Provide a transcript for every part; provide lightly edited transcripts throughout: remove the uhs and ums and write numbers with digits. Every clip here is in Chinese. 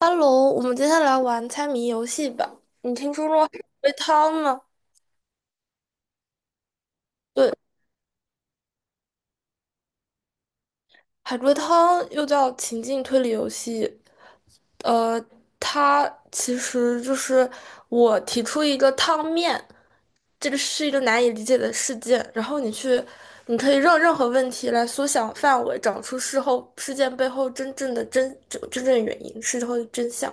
Hello，我们接下来玩猜谜游戏吧。你听说过海龟汤吗？对，海龟汤又叫情境推理游戏。呃，它其实就是我提出一个汤面，这个是一个难以理解的事件，然后你去，你可以让任何问题来缩小范围，找出事后事件背后真正的真正原因，事后的真相。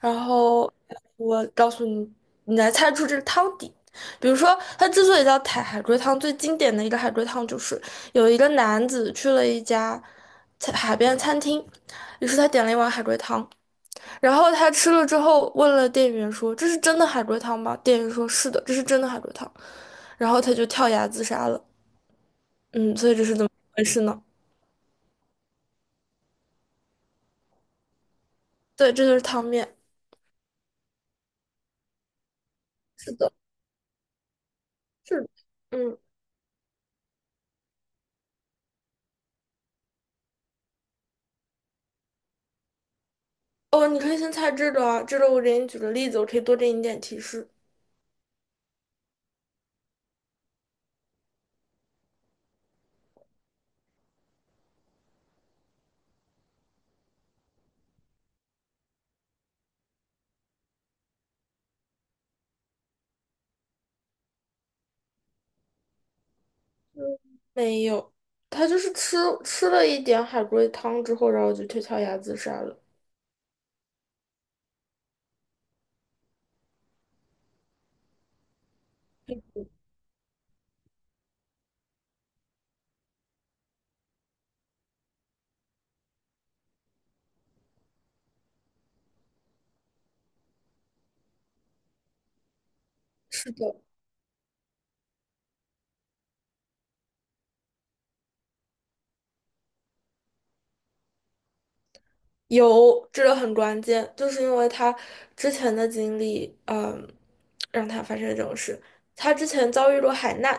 然后我告诉你，你来猜出这个汤底。比如说，它之所以叫海龟汤，最经典的一个海龟汤就是有一个男子去了一家海边餐厅，于是他点了一碗海龟汤，然后他吃了之后问了店员说：“这是真的海龟汤吗？”店员说：“是的，这是真的海龟汤。”然后他就跳崖自杀了。嗯，所以这是怎么回事呢？对，这就是汤面。是的，是的。嗯，哦，你可以先猜这个啊，这个我给你举个例子，我可以多给你一点提示。没有，他就是吃了一点海龟汤之后，然后就跳崖自杀了。是的，有，这个很关键，就是因为他之前的经历，让他发生这种事。他之前遭遇过海难，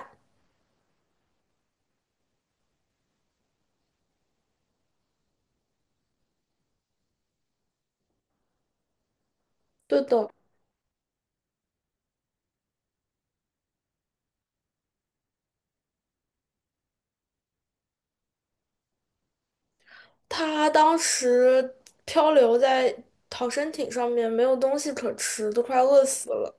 对的，他当时漂流在逃生艇上面，没有东西可吃，都快饿死了。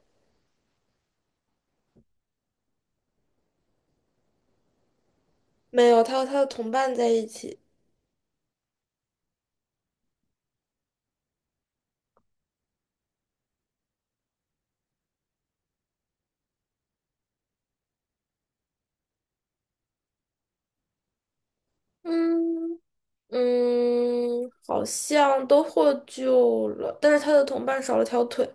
没有，他和他的同伴在一起。嗯，嗯，好像都获救了，但是他的同伴少了条腿。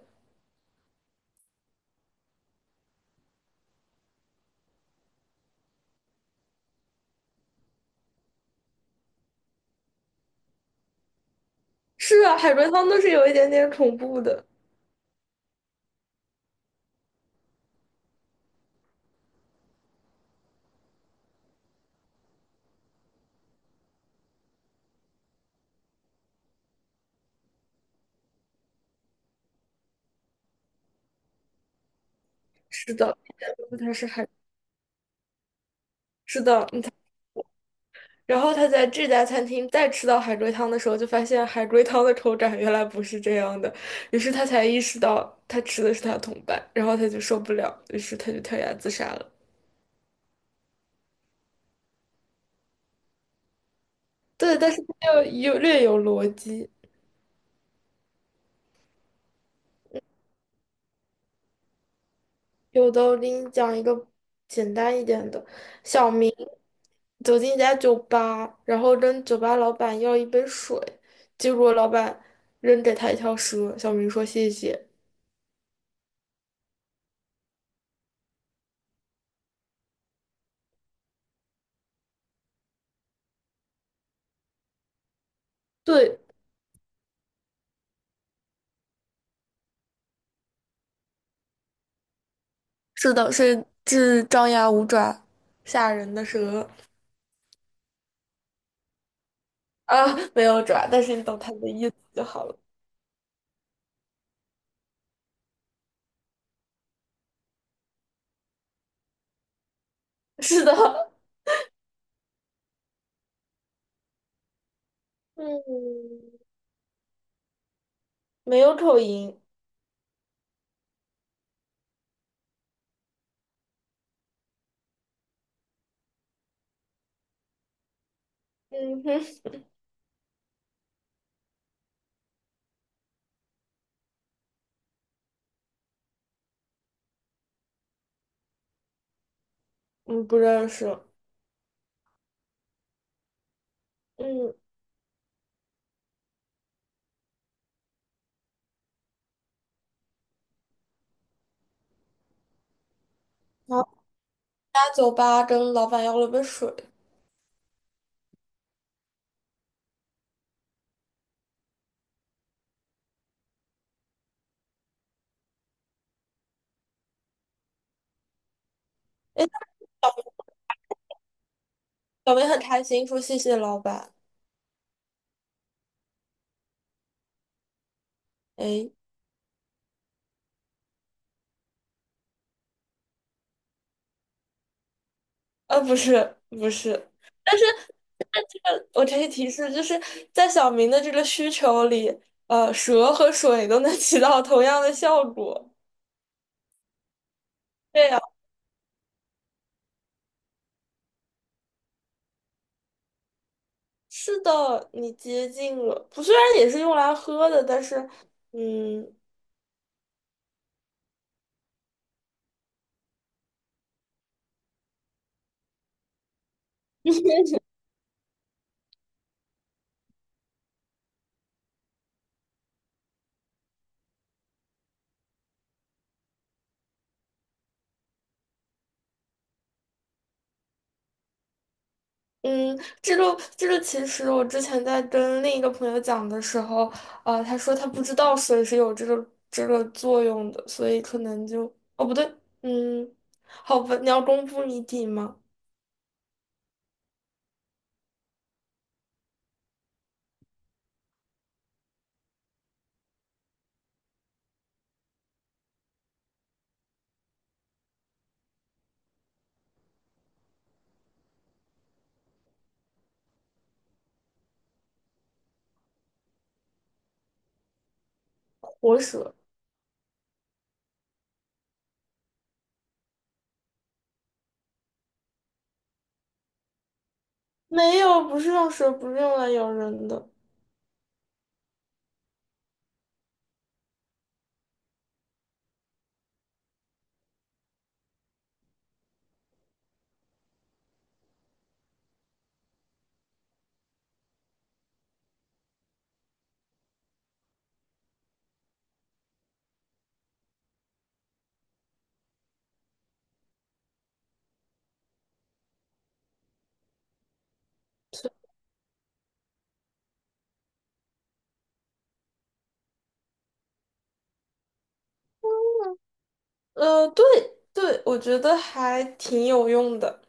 是啊，海龟汤都是有一点点恐怖的。是的，他是海，是的，嗯。然后他在这家餐厅再吃到海龟汤的时候，就发现海龟汤的口感原来不是这样的，于是他才意识到他吃的是他的同伴，然后他就受不了，于是他就跳崖自杀了。对，但是他又有略有逻辑。有的，我给你讲一个简单一点的。小明走进一家酒吧，然后跟酒吧老板要一杯水，结果老板扔给他一条蛇。小明说谢谢。对，是的，是张牙舞爪、吓人的蛇。啊，没有爪，但是你懂他的意思就好了。是的，嗯，没有口音。嗯哼，嗯，不认识。嗯，然后他酒吧跟老板要了杯水。小明很开心，说谢谢老板。哎，不是，不是，但是我给你提示，就是在小明的这个需求里，蛇和水都能起到同样的效果。对呀，是的，你接近了。不，虽然也是用来喝的，但是，嗯，嗯，这个这个，其实我之前在跟另一个朋友讲的时候，他说他不知道水是有这个作用的，所以可能就，哦，不对，嗯，好吧，你要公布谜底吗？活蛇。没有，不是用蛇，不是用来咬人的。对对，我觉得还挺有用的。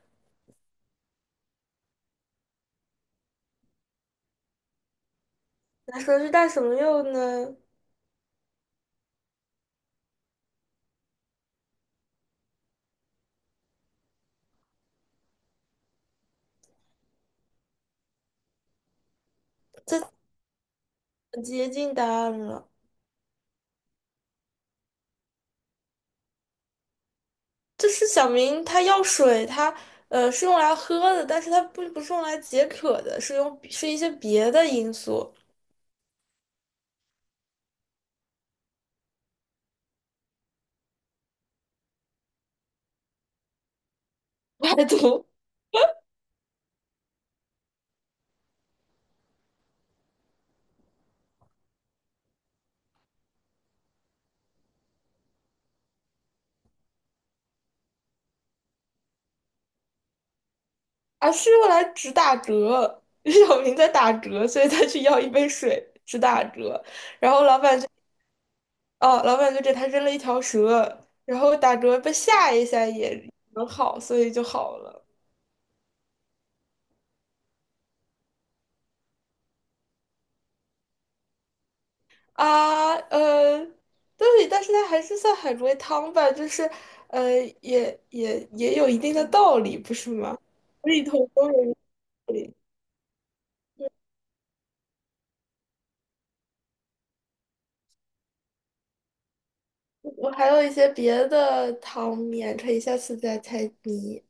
那蛇是干什么用呢？这接近答案了。就是小明他要水，他是用来喝的，但是他不是用来解渴的，是用是一些别的因素排毒 而是用来止打嗝。小明在打嗝，所以他去要一杯水止打嗝，然后老板就哦，老板就给他扔了一条蛇，然后打嗝被吓一下也能好，所以就好了。啊，对，但是它还是算海龟汤吧，就是呃，也有一定的道理，不是吗？里头都有道理。我还有一些别的汤面，可以下次再猜谜。